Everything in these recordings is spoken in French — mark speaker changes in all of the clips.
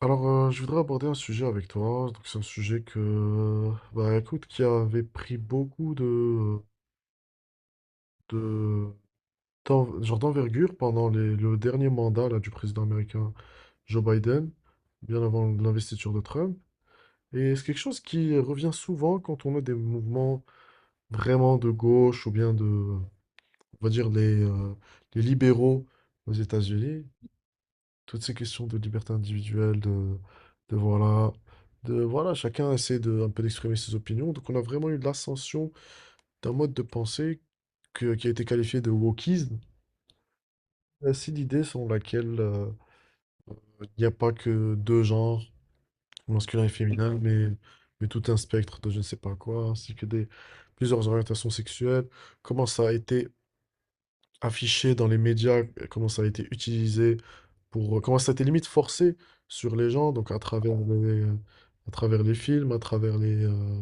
Speaker 1: Je voudrais aborder un sujet avec toi. Donc, c'est un sujet que, écoute, qui avait pris beaucoup de, d'en- genre d'envergure pendant le dernier mandat là, du président américain Joe Biden, bien avant l'investiture de Trump. Et c'est quelque chose qui revient souvent quand on a des mouvements vraiment de gauche ou bien de, on va dire, les libéraux aux États-Unis. Toutes ces questions de liberté individuelle, de voilà, de voilà, chacun essaie de, un peu d'exprimer ses opinions. Donc on a vraiment eu l'ascension d'un mode de pensée qui a été qualifié de wokisme. C'est l'idée selon laquelle il n'y a pas que deux genres, masculin et féminin, mais tout un spectre de je ne sais pas quoi, ainsi que des, plusieurs orientations sexuelles. Comment ça a été affiché dans les médias, comment ça a été utilisé comment ça a été limite forcé sur les gens, donc à travers à travers les films, à travers les, euh,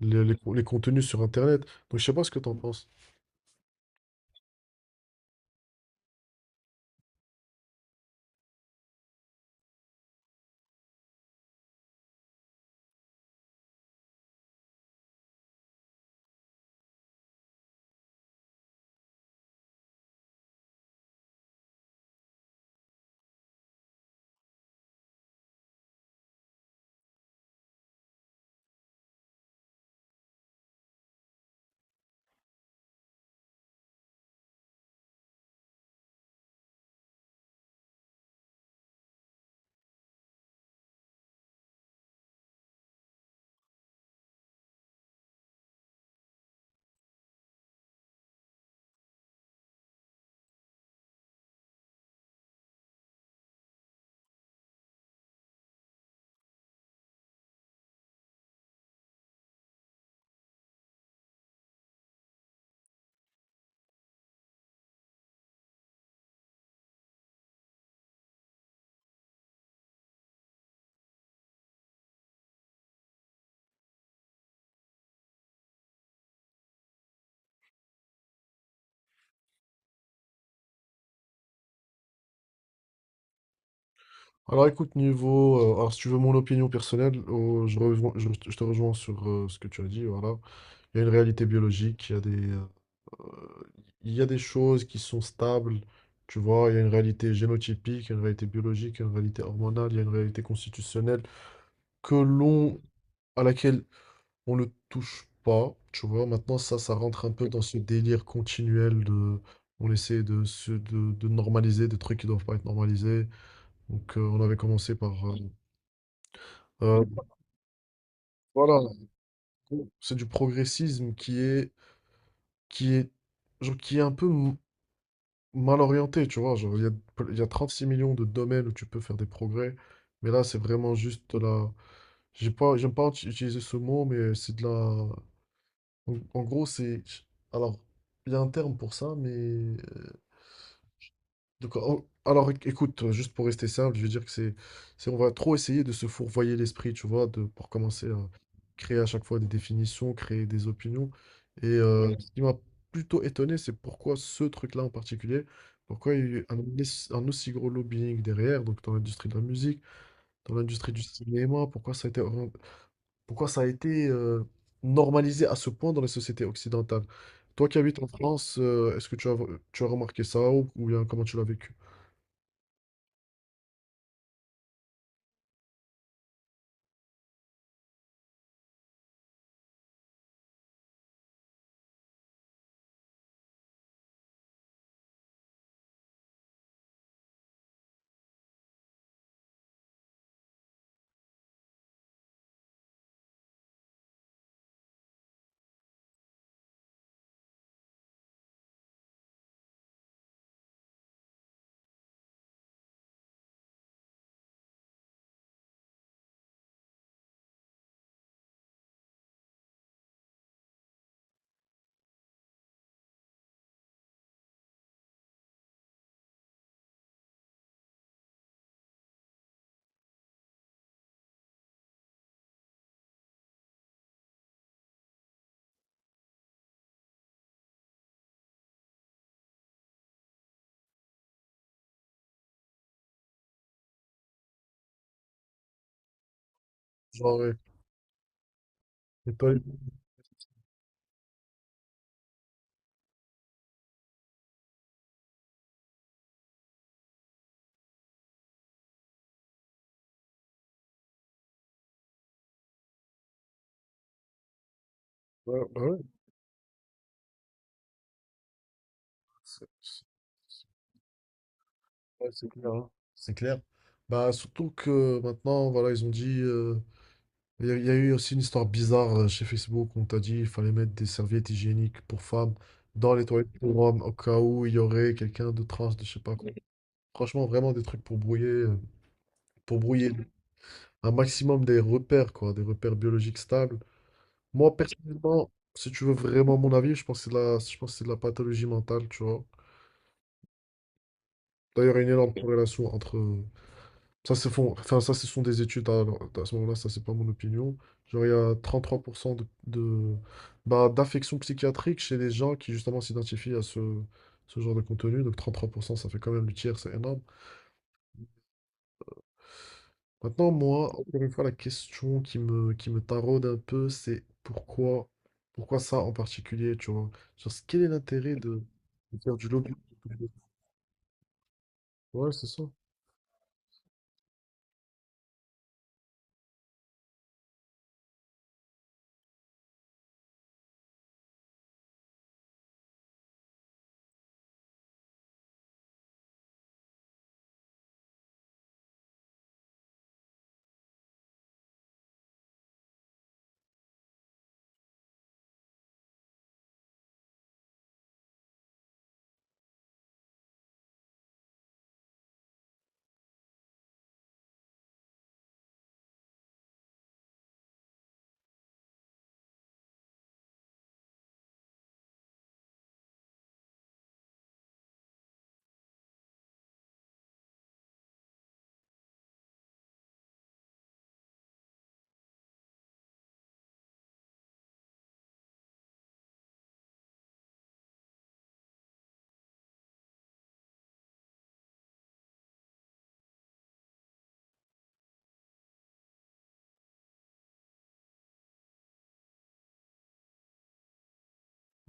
Speaker 1: les, les co- les contenus sur Internet. Donc je sais pas ce que t'en penses. Alors écoute, alors si tu veux mon opinion personnelle, je te rejoins sur ce que tu as dit, voilà. Il y a une réalité biologique, euh, il y a des choses qui sont stables, tu vois, il y a une réalité génotypique, il y a une réalité biologique, il y a une réalité hormonale, il y a une réalité constitutionnelle que l'on à laquelle on ne touche pas, tu vois. Maintenant, ça rentre un peu dans ce délire continuel de... On essaie de normaliser des trucs qui doivent pas être normalisés. Donc, on avait commencé par... euh, voilà, c'est du progressisme qui est, qui est un peu mal orienté, tu vois. Genre, il y a 36 millions de domaines où tu peux faire des progrès. Mais là, c'est vraiment juste de la... J'ai pas, j'aime pas utiliser ce mot, mais c'est de la... En, en gros, c'est. Alors, il y a un terme pour ça, mais. De quoi- oh, alors, éc- écoute, juste pour rester simple, je veux dire que c'est. On va trop essayer de se fourvoyer l'esprit, tu vois, de, pour commencer à créer à chaque fois des définitions, créer des opinions. Et ce qui m'a plutôt étonné, c'est pourquoi ce truc-là en particulier, pourquoi il y a eu un aussi gros lobbying derrière, donc dans l'industrie de la musique, dans l'industrie du cinéma, pourquoi ça a été orienté, pourquoi ça a été normalisé à ce point dans les sociétés occidentales? Toi qui habites en France, est-ce que tu as remarqué ça ou bien comment tu l'as vécu? Genre, euh, et toi- ouais, bah ouais, c'est c'est- ouais, c'est clair, hein. C'est clair. Bah, surtout que maintenant, voilà, ils ont dit. Il y a eu aussi une histoire bizarre chez Facebook. On t'a dit qu'il fallait mettre des serviettes hygiéniques pour femmes dans les toilettes pour hommes au cas où il y aurait quelqu'un de trans, de je sais pas quoi. Franchement, vraiment des trucs pour pour brouiller un maximum des repères, quoi, des repères biologiques stables. Moi, personnellement, si tu veux vraiment mon avis, je pense que c'est de la pathologie mentale, tu vois. D'ailleurs, il y a une énorme corrélation entre... Ça, c'est ça, ce sont des études, à ce moment-là, ça, c'est pas mon opinion. Genre, il y a 33% bah, d'affections psychiatriques chez les gens qui, justement, s'identifient à ce genre de contenu. Donc, 33% ça fait quand même le tiers, c'est énorme. Maintenant, moi, encore une fois, la question qui me taraude un peu, pourquoi ça en particulier, tu vois? Quel est l'intérêt de faire du lobby? Ouais, c'est ça.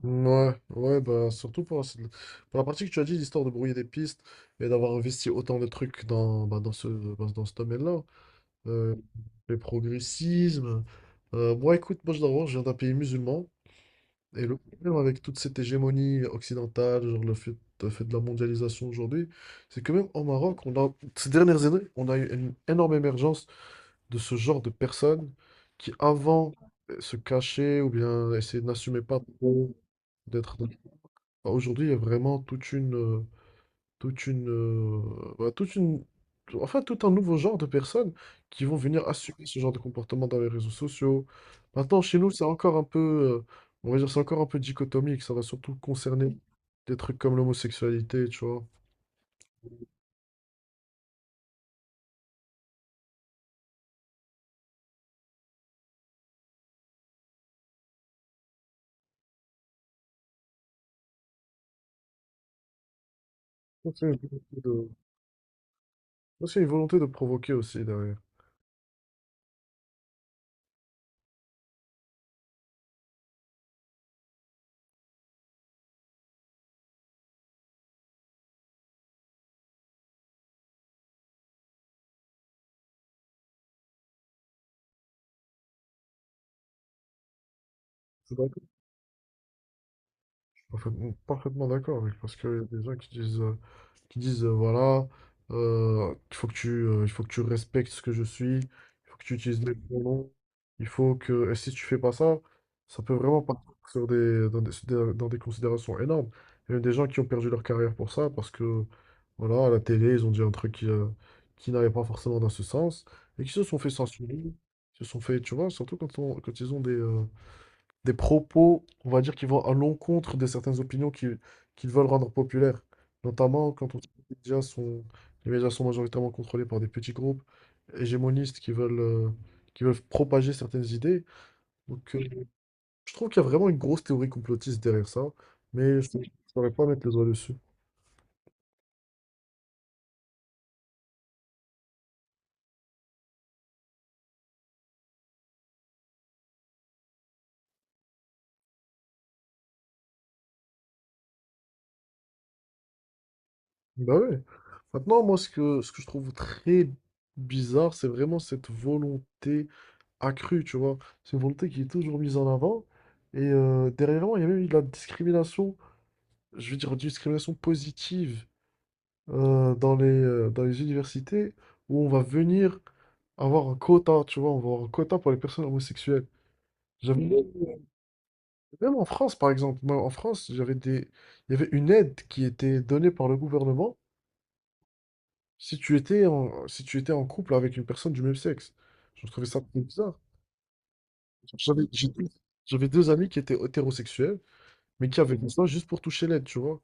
Speaker 1: Ouais, ouais, bah surtout pour la partie que tu as dit, l'histoire de brouiller des pistes et d'avoir investi autant de trucs dans, bah, dans ce domaine-là. Euh, le progressisme. Moi, écoute, moi, je d'abord, je viens d'un pays musulman. Et le problème avec toute cette hégémonie occidentale, le fait de la mondialisation aujourd'hui, c'est que même au Maroc, on a, ces dernières années, on a eu une énorme émergence de ce genre de personnes qui avant se cachaient ou bien essayaient de n'assumer pas trop d'être... bah, aujourd'hui, il y a vraiment toute une, bah, toute une, tout- enfin, tout un nouveau genre de personnes qui vont venir assumer ce genre de comportement dans les réseaux sociaux. Maintenant, chez nous, c'est encore un peu, on va dire, c'est encore un peu dichotomique. Ça va surtout concerner des trucs comme l'homosexualité, tu vois. Ça, C'est une volonté de, ça, c'est une volonté de provoquer aussi derrière. Parfaitement, parfaitement d'accord avec parce qu'il y a des gens qui disent voilà il faut que tu respectes ce que je suis, il faut que tu utilises mes pronoms, il faut que et si tu fais pas ça, ça peut vraiment partir dans des considérations énormes. Il y a même des gens qui ont perdu leur carrière pour ça parce que voilà à la télé ils ont dit un truc qui n'allait pas forcément dans ce sens et qui se sont fait censurer, se sont fait tu vois surtout quand quand ils ont des propos, on va dire, qui vont à l'encontre de certaines opinions qu'ils veulent rendre populaires. Notamment quand on sait que les médias sont majoritairement contrôlés par des petits groupes hégémonistes qui qui veulent propager certaines idées. Donc, je trouve qu'il y a vraiment une grosse théorie complotiste derrière ça, mais je ne saurais pas mettre les doigts dessus. Bah ouais. Maintenant, moi, ce que je trouve très bizarre, c'est vraiment cette volonté accrue, tu vois. C'est une volonté qui est toujours mise en avant. Et derrière moi, il y a même eu de la discrimination, je veux dire, une discrimination positive dans les universités où on va venir avoir un quota, tu vois, on va avoir un quota pour les personnes homosexuelles. J'avais même même en France, par exemple, moi, en France, il y avait une aide qui était donnée par le gouvernement si tu étais si tu étais en couple avec une personne du même sexe. Je trouvais ça très bizarre. J'avais j'ai deux j'avais deux amis qui étaient hétérosexuels, mais qui avait fait ça juste pour toucher l'aide, tu vois.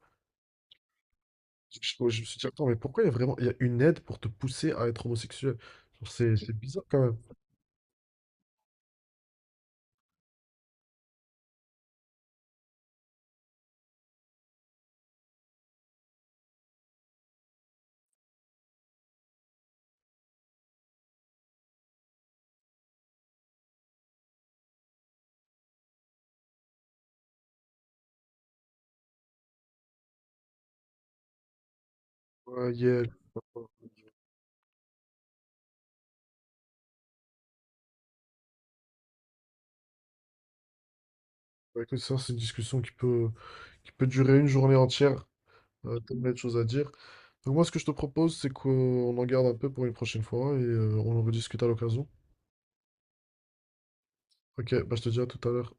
Speaker 1: Parce je me suis dit, attends, mais pourquoi il y a une aide pour te pousser à être homosexuel? Genre, c'est bizarre quand même. Ouais, il ouais, écoute, ça, c'est une discussion qui peut durer une journée entière. Tellement de choses à dire. Donc moi, ce que je te propose, c'est qu'on en garde un peu pour une prochaine fois et on en rediscute à l'occasion. Ok, bah je te dis à tout à l'heure.